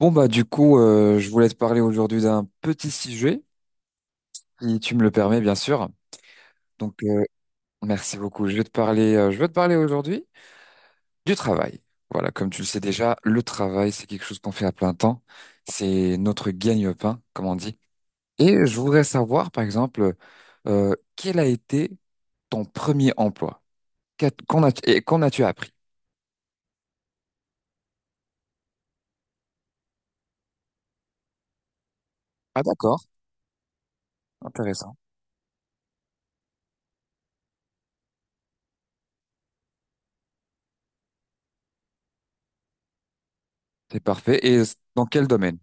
Bon bah du coup, je voulais te parler aujourd'hui d'un petit sujet, si tu me le permets bien sûr. Donc merci beaucoup. Je vais te parler, je vais te parler aujourd'hui du travail. Voilà, comme tu le sais déjà, le travail c'est quelque chose qu'on fait à plein temps. C'est notre gagne-pain, comme on dit. Et je voudrais savoir par exemple, quel a été ton premier emploi? Qu'a- Qu'en as, et qu'en as-tu appris? Ah, d'accord, intéressant. C'est parfait. Et dans quel domaine?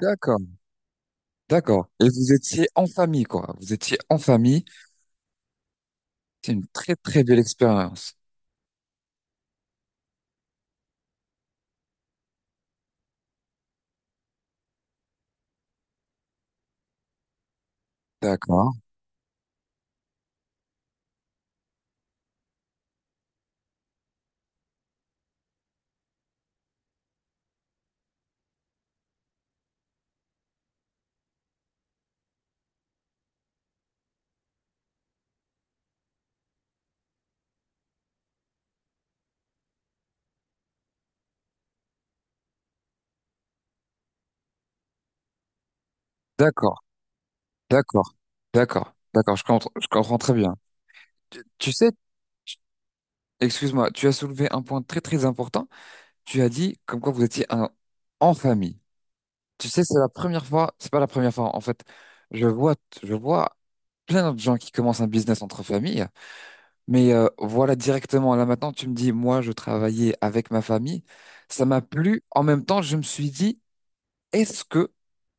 D'accord, d'accord. Et vous étiez en famille, quoi. Vous étiez en famille. C'est une très très belle expérience. D'accord, d'accord, d'accord, d'accord, d'accord, je comprends très bien. Tu sais, tu- excuse-moi, tu as soulevé un point très très important. Tu as dit comme quoi vous étiez en famille. Tu sais, c'est la première fois, c'est pas la première fois en fait. Je vois, je vois plein de gens qui commencent un business entre familles, mais voilà, directement là maintenant, tu me dis, moi je travaillais avec ma famille, ça m'a plu. En même temps, je me suis dit, est-ce que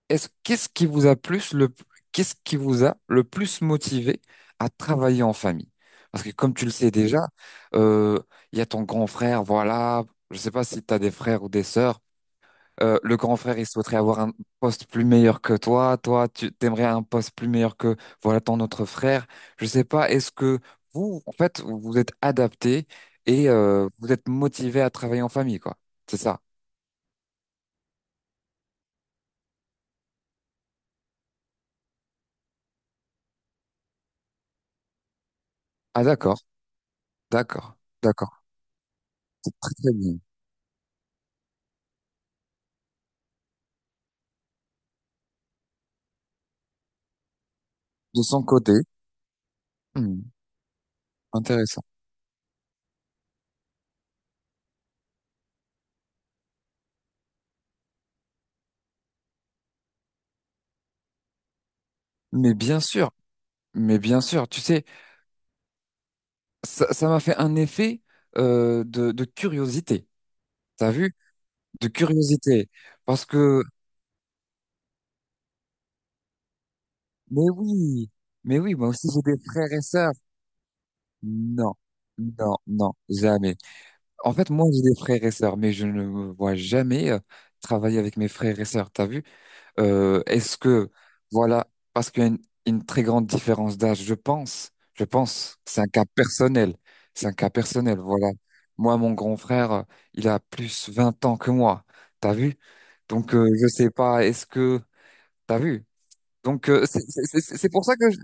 Est-ce, qu'est-ce qui vous a plus le, qu'est-ce qui vous a le plus motivé à travailler en famille? Parce que comme tu le sais déjà, euh, il y a ton grand frère, voilà. Je sais pas si tu as des frères ou des sœurs. Le grand frère, il souhaiterait avoir un poste plus meilleur que toi. Toi, tu t'aimerais un poste plus meilleur que, voilà, ton autre frère. Je sais pas, est-ce que vous, en fait, vous vous êtes adapté et vous êtes motivé à travailler en famille, quoi. C'est ça. Ah, d'accord, d'accord, d'accord. Très, très bien. De son côté. Hmm. Intéressant. Mais bien sûr, mais bien sûr, tu sais, ça m'a fait un effet de curiosité. T'as vu? De curiosité. Parce que, mais oui, mais oui, moi aussi j'ai des frères et sœurs. Non, non, non, jamais. En fait, moi j'ai des frères et sœurs, mais je ne me vois jamais travailler avec mes frères et sœurs. T'as vu? Euh, est-ce que, voilà, parce qu'il y a une très grande différence d'âge, je pense, c'est un cas personnel, c'est un cas personnel, voilà. Moi, mon grand frère, il a plus 20 ans que moi, t'as vu? Donc, je sais pas, est-ce que, t'as vu? Donc, c'est pour ça que,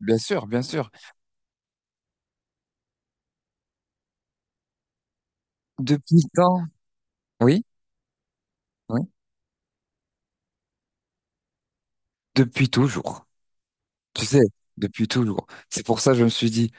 bien sûr, depuis le temps, oui, oui, depuis toujours, tu sais, depuis toujours. C'est pour ça que je me suis dit,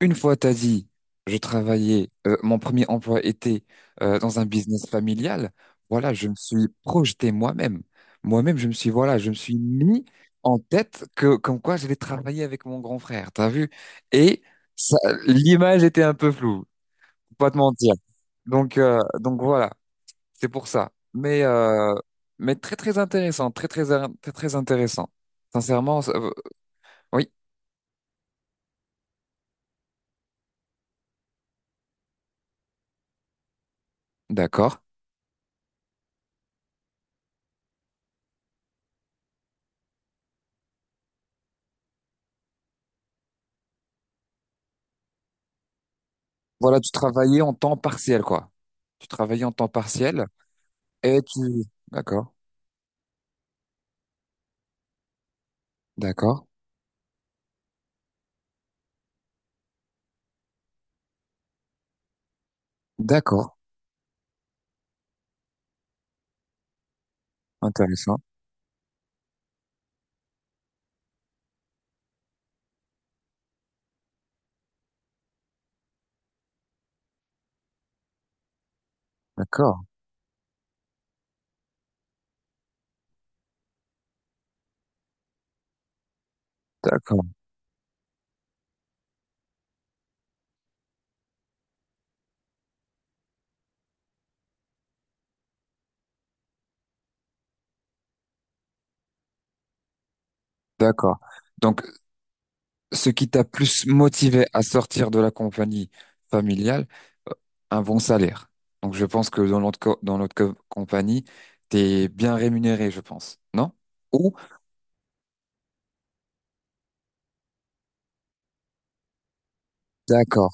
une fois, t'as dit, je travaillais, mon premier emploi était dans un business familial. Voilà, je me suis projeté moi-même. Moi-même, voilà, je me suis mis en tête que, comme quoi j'allais travailler avec mon grand frère, t'as vu? Et ça, l'image était un peu floue, faut pas te mentir. Donc, donc voilà, c'est pour ça. Mais, très, très intéressant, très, très, très, très intéressant. Sincèrement, oui, d'accord. Voilà, tu travaillais en temps partiel, quoi. Tu travaillais en temps partiel et tu. D'accord, d'accord, d'accord. Intéressant. D'accord, d'accord, d'accord. Donc, ce qui t'a plus motivé à sortir de la compagnie familiale, euh, un bon salaire. Donc, je pense que dans notre compagnie, t'es bien rémunéré, je pense. Non? Ou? D'accord,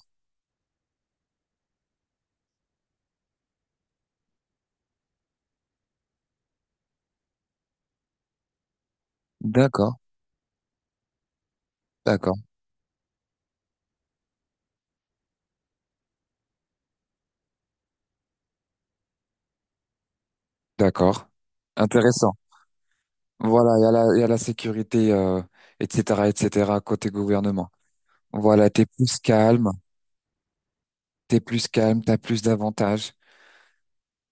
d'accord, d'accord, d'accord. Intéressant. Voilà, il y a la sécurité, etc., etc., côté gouvernement. Voilà, t'es plus calme, t'as plus d'avantages.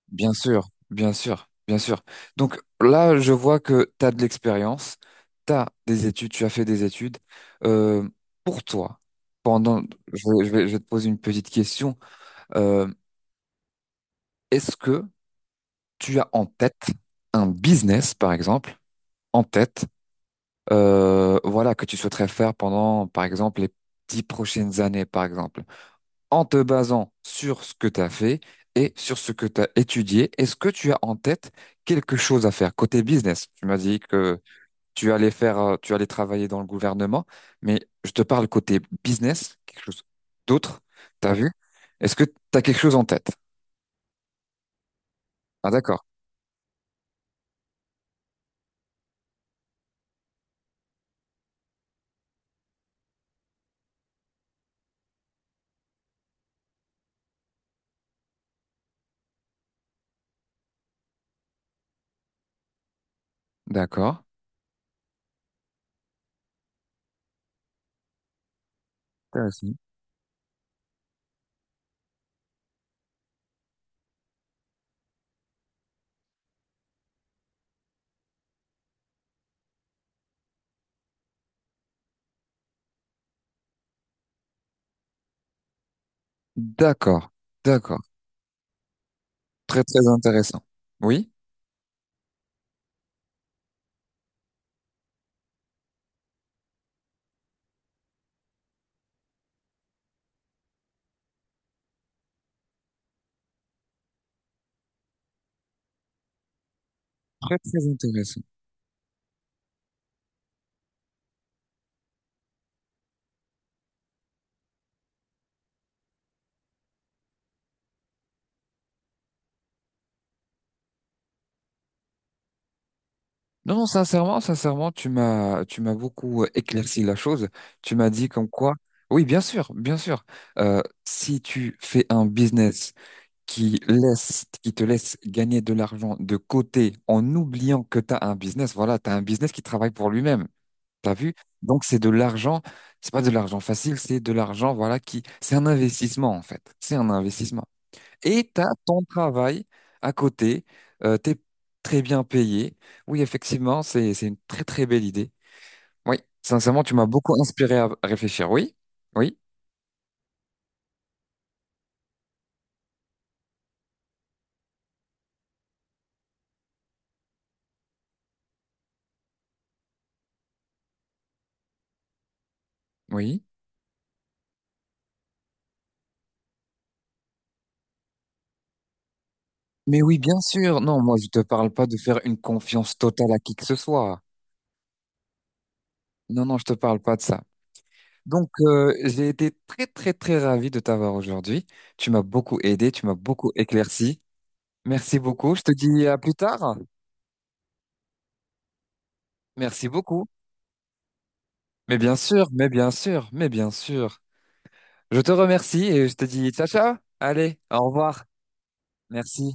Bien sûr, bien sûr, bien sûr. Donc là, je vois que t'as de l'expérience, t'as des études, tu as fait des études. Euh, pour toi, pendant, je vais te poser une petite question. Euh, est-ce que tu as en tête un business, par exemple, en tête? Voilà, que tu souhaiterais faire pendant, par exemple, les 10 prochaines années, par exemple, en te basant sur ce que tu as fait et sur ce que tu as étudié, est-ce que tu as en tête quelque chose à faire côté business? Tu m'as dit que tu allais travailler dans le gouvernement, mais je te parle côté business, quelque chose d'autre, t'as vu? Est-ce que tu as quelque chose en tête? Ah, d'accord, d'accord. Intéressant. D'accord, d'accord. Très, très intéressant. Oui? Très, très intéressant. Non, non, sincèrement, sincèrement, tu m'as beaucoup éclairci la chose. Tu m'as dit comme quoi, oui, bien sûr, bien sûr. Si tu fais un business qui te laisse gagner de l'argent de côté en oubliant que tu as un business, voilà, tu as un business qui travaille pour lui-même. T'as vu? Donc, c'est de l'argent, c'est pas de l'argent facile, c'est de l'argent, voilà, qui, c'est un investissement, en fait. C'est un investissement. Et tu as ton travail à côté, tu es très bien payé. Oui, effectivement, c'est une très très belle idée. Oui, sincèrement, tu m'as beaucoup inspiré à réfléchir. Oui, oui, oui. Mais oui, bien sûr. Non, moi, je te parle pas de faire une confiance totale à qui que ce soit. Non, non, je te parle pas de ça. Donc, j'ai été très très très ravi de t'avoir aujourd'hui. Tu m'as beaucoup aidé, tu m'as beaucoup éclairci. Merci beaucoup. Je te dis à plus tard. Merci beaucoup. Mais bien sûr, mais bien sûr, mais bien sûr. Je te remercie et je te dis ciao ciao. Allez, au revoir. Merci.